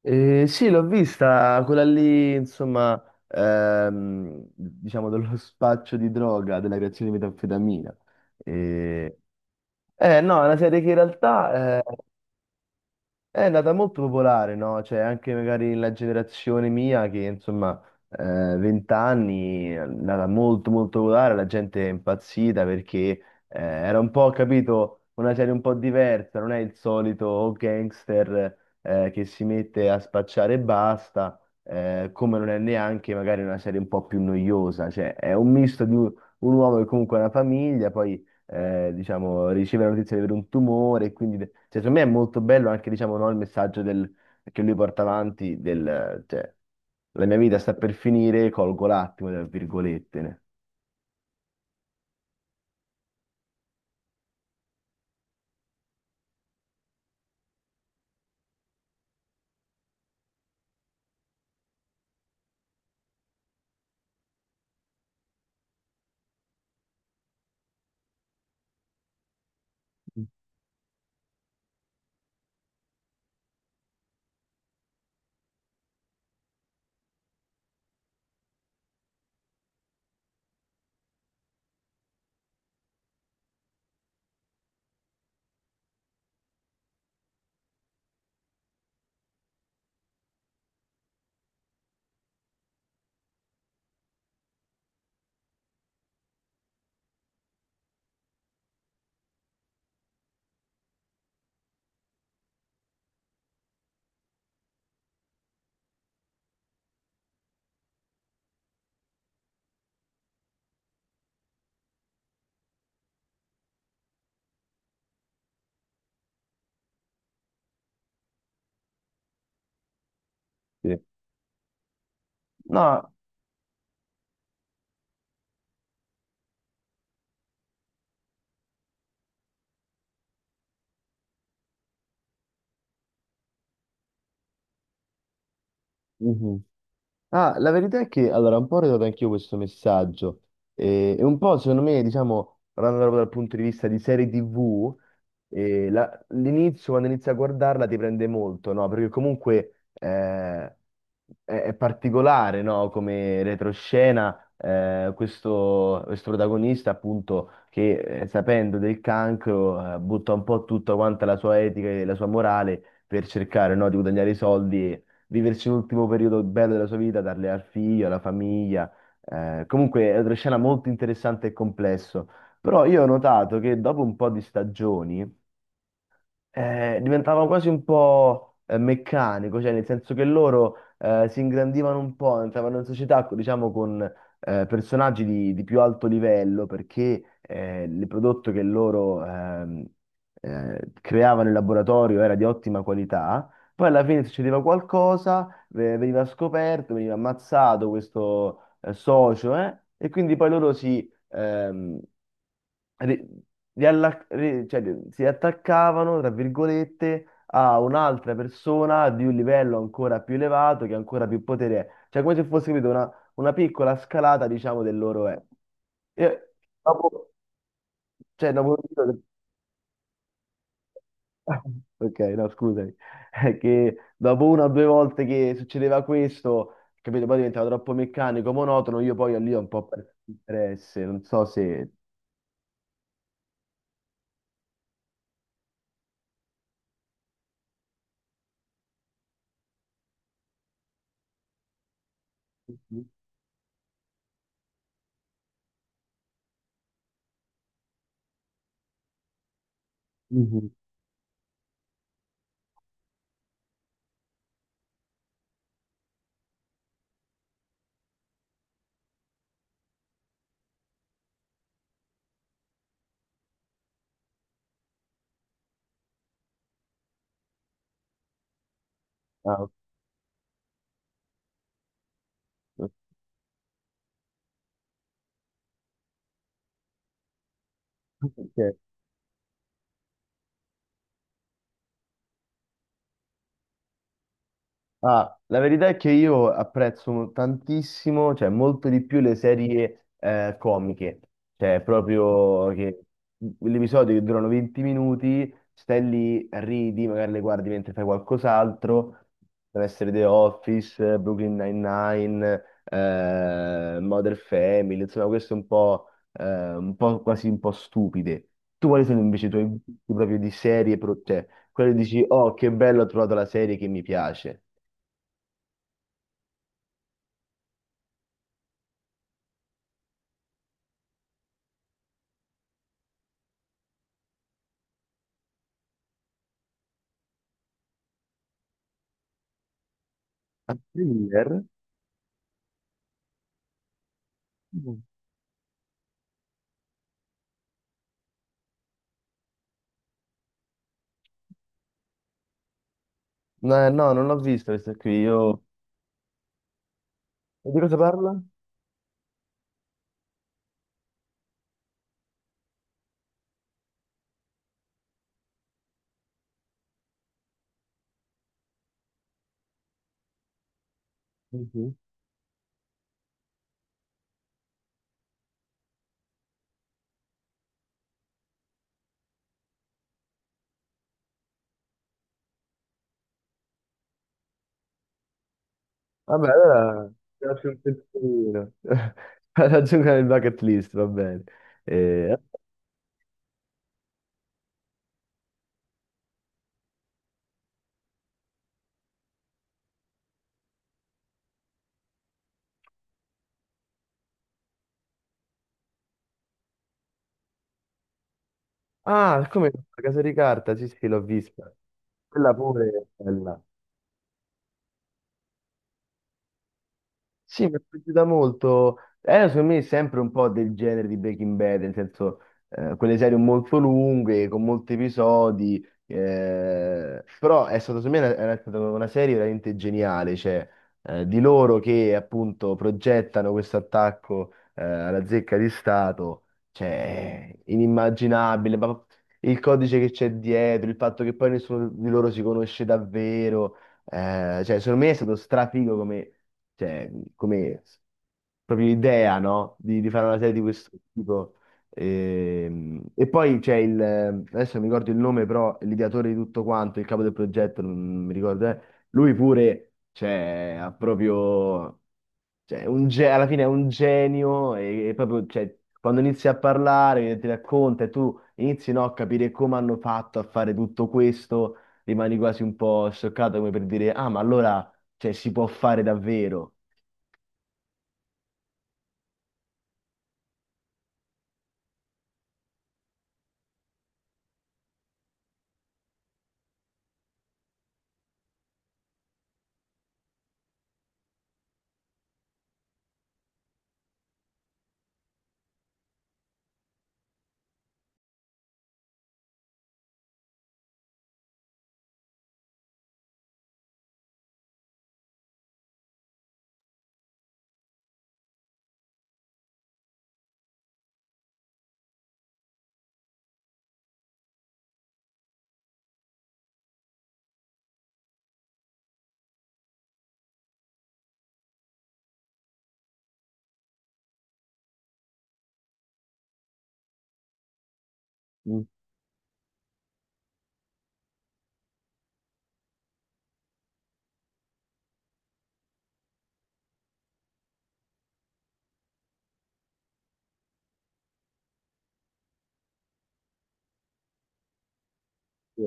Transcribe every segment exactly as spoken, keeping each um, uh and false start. Eh, sì, l'ho vista, quella lì, insomma, ehm, diciamo dello spaccio di droga, della creazione di metanfetamina. Eh, eh, no, è una serie che in realtà eh, è andata molto popolare, no? Cioè, anche magari la generazione mia, che insomma, eh, venti anni, è andata molto molto popolare, la gente è impazzita perché eh, era un po', capito, una serie un po' diversa, non è il solito gangster eh, che si mette a spacciare e basta, eh, come non è neanche magari una serie un po' più noiosa, cioè è un misto di un, un uomo che comunque ha una famiglia, poi eh, diciamo, riceve la notizia di avere un tumore, e quindi, cioè, secondo me è molto bello anche, diciamo, no, il messaggio del- che lui porta avanti del, cioè, la mia vita sta per finire, colgo l'attimo, tra virgolette. Ne. Sì. No, mhm. Ah, la verità è che, allora, un po' ho ritrovato anch'io questo messaggio, e, e un po', secondo me, diciamo, parlando proprio dal punto di vista di serie T V. E la- l'inizio, quando inizi a guardarla, ti prende molto, no? Perché comunque eh, è, è particolare, no? Come retroscena, eh, questo, questo protagonista, appunto, che eh, sapendo del cancro, eh, butta un po' tutta quanta la sua etica e la sua morale per cercare, no, di guadagnare i soldi e viverci l'ultimo periodo bello della sua vita, darle al figlio, alla famiglia. Eh, comunque è una retroscena molto interessante e complesso. Però io ho notato che dopo un po' di stagioni eh, diventava quasi un po' eh, meccanico, cioè nel senso che loro eh, si ingrandivano un po', entravano in società, co- diciamo, con eh, personaggi di, di più alto livello, perché eh, il prodotto che loro ehm, eh, creavano in laboratorio era di ottima qualità. Poi alla fine succedeva qualcosa, ve- veniva scoperto, veniva ammazzato questo eh, socio, eh, e quindi poi loro si, ehm, ri- rialla- ri- cioè, ri- si attaccavano, tra virgolette, a un'altra persona di un livello ancora più elevato, che ha ancora più potere. Cioè, come se fosse, capito, una, una piccola scalata, diciamo, del loro è. E dopo, cioè, dopo... Ok, no, scusami. È che dopo una o due volte che succedeva questo, capito, poi diventava troppo meccanico, monotono, io poi lì ho un po' perso interesse, non so se... Mhm. Ah, ok. Ok. Ah, la verità è che io apprezzo tantissimo, cioè molto di più le serie eh, comiche, cioè proprio che gli episodi che durano venti minuti, stai lì, ridi, magari le guardi mentre fai qualcos'altro, deve essere The Office, eh, Brooklyn Nine-Nine, eh, Modern Family, insomma queste un po', eh, un po' quasi un po' stupide. Tu quali sono invece i tuoi gusti proprio di serie, pro- cioè quelle dici, oh che bello ho trovato la serie che mi piace? A thriller? Mm. Eh, no, non l'ho vista questa qui. Io... E di cosa parla? Mhm. Vabbè, allora ti lascio un pensierino. Raggiungo il bucket list, va bene. Eh, Ah, come La Casa di Carta? Sì, sì, l'ho vista. Quella pure è bella. Sì, mi è piaciuta molto. Era secondo me sempre un po' del genere di Breaking Bad, nel senso eh, quelle serie molto lunghe, con molti episodi, eh, però è stata secondo me era, era stata una serie veramente geniale, cioè eh, di loro che appunto progettano questo attacco eh, alla zecca di Stato, cioè inimmaginabile, ma il codice che c'è dietro, il fatto che poi nessuno di loro si conosce davvero. Eh, cioè, secondo me è stato strafigo come, cioè, come proprio idea, no? Di, di fare una serie di questo tipo. Ehm, E, poi c'è il, adesso non mi ricordo il nome, però l'ideatore di tutto quanto, il capo del progetto, non mi ricordo, eh, lui pure, cioè, ha proprio, cioè, un ge- alla fine è un genio e, e proprio, cioè, quando inizi a parlare, ti racconta e tu inizi, no, a capire come hanno fatto a fare tutto questo rimani quasi un po' scioccato come per dire, ah, ma allora, cioè, si può fare davvero. Mm. Sì.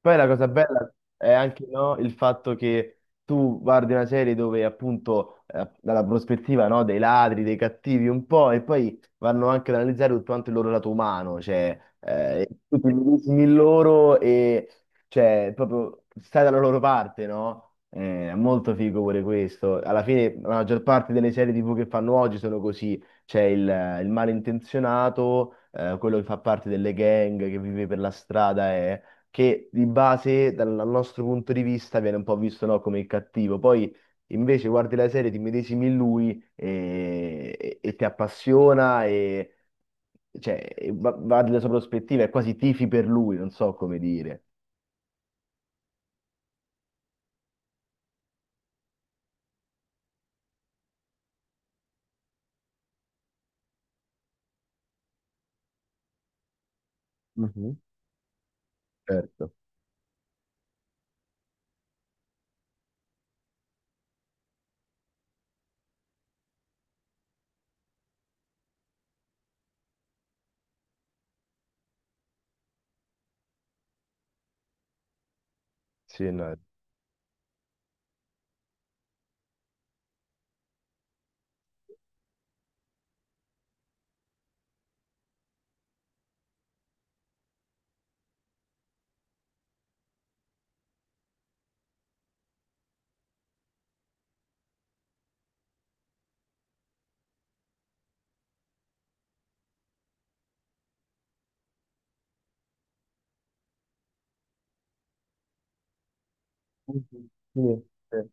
Poi la cosa bella è anche no, il fatto che tu guardi una serie dove appunto eh, dalla prospettiva no, dei ladri, dei cattivi un po' e poi vanno anche ad analizzare tutto quanto il loro lato umano, cioè eh, tutti i medesimi in loro e cioè proprio stai dalla loro parte, no? Eh, È molto figo pure questo. Alla fine la maggior parte delle serie T V che fanno oggi sono così. C'è il, il malintenzionato, eh, quello che fa parte delle gang, che vive per la strada, è, che di base, dal nostro punto di vista, viene un po' visto, no, come il cattivo. Poi invece guardi la serie, ti medesimi in lui e, e- e ti appassiona e cioè, e va, va della sua prospettiva, è quasi tifi per lui, non so come dire. Mhm. Certo. Sì, no. Mhm. Sì, sì.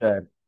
Certo.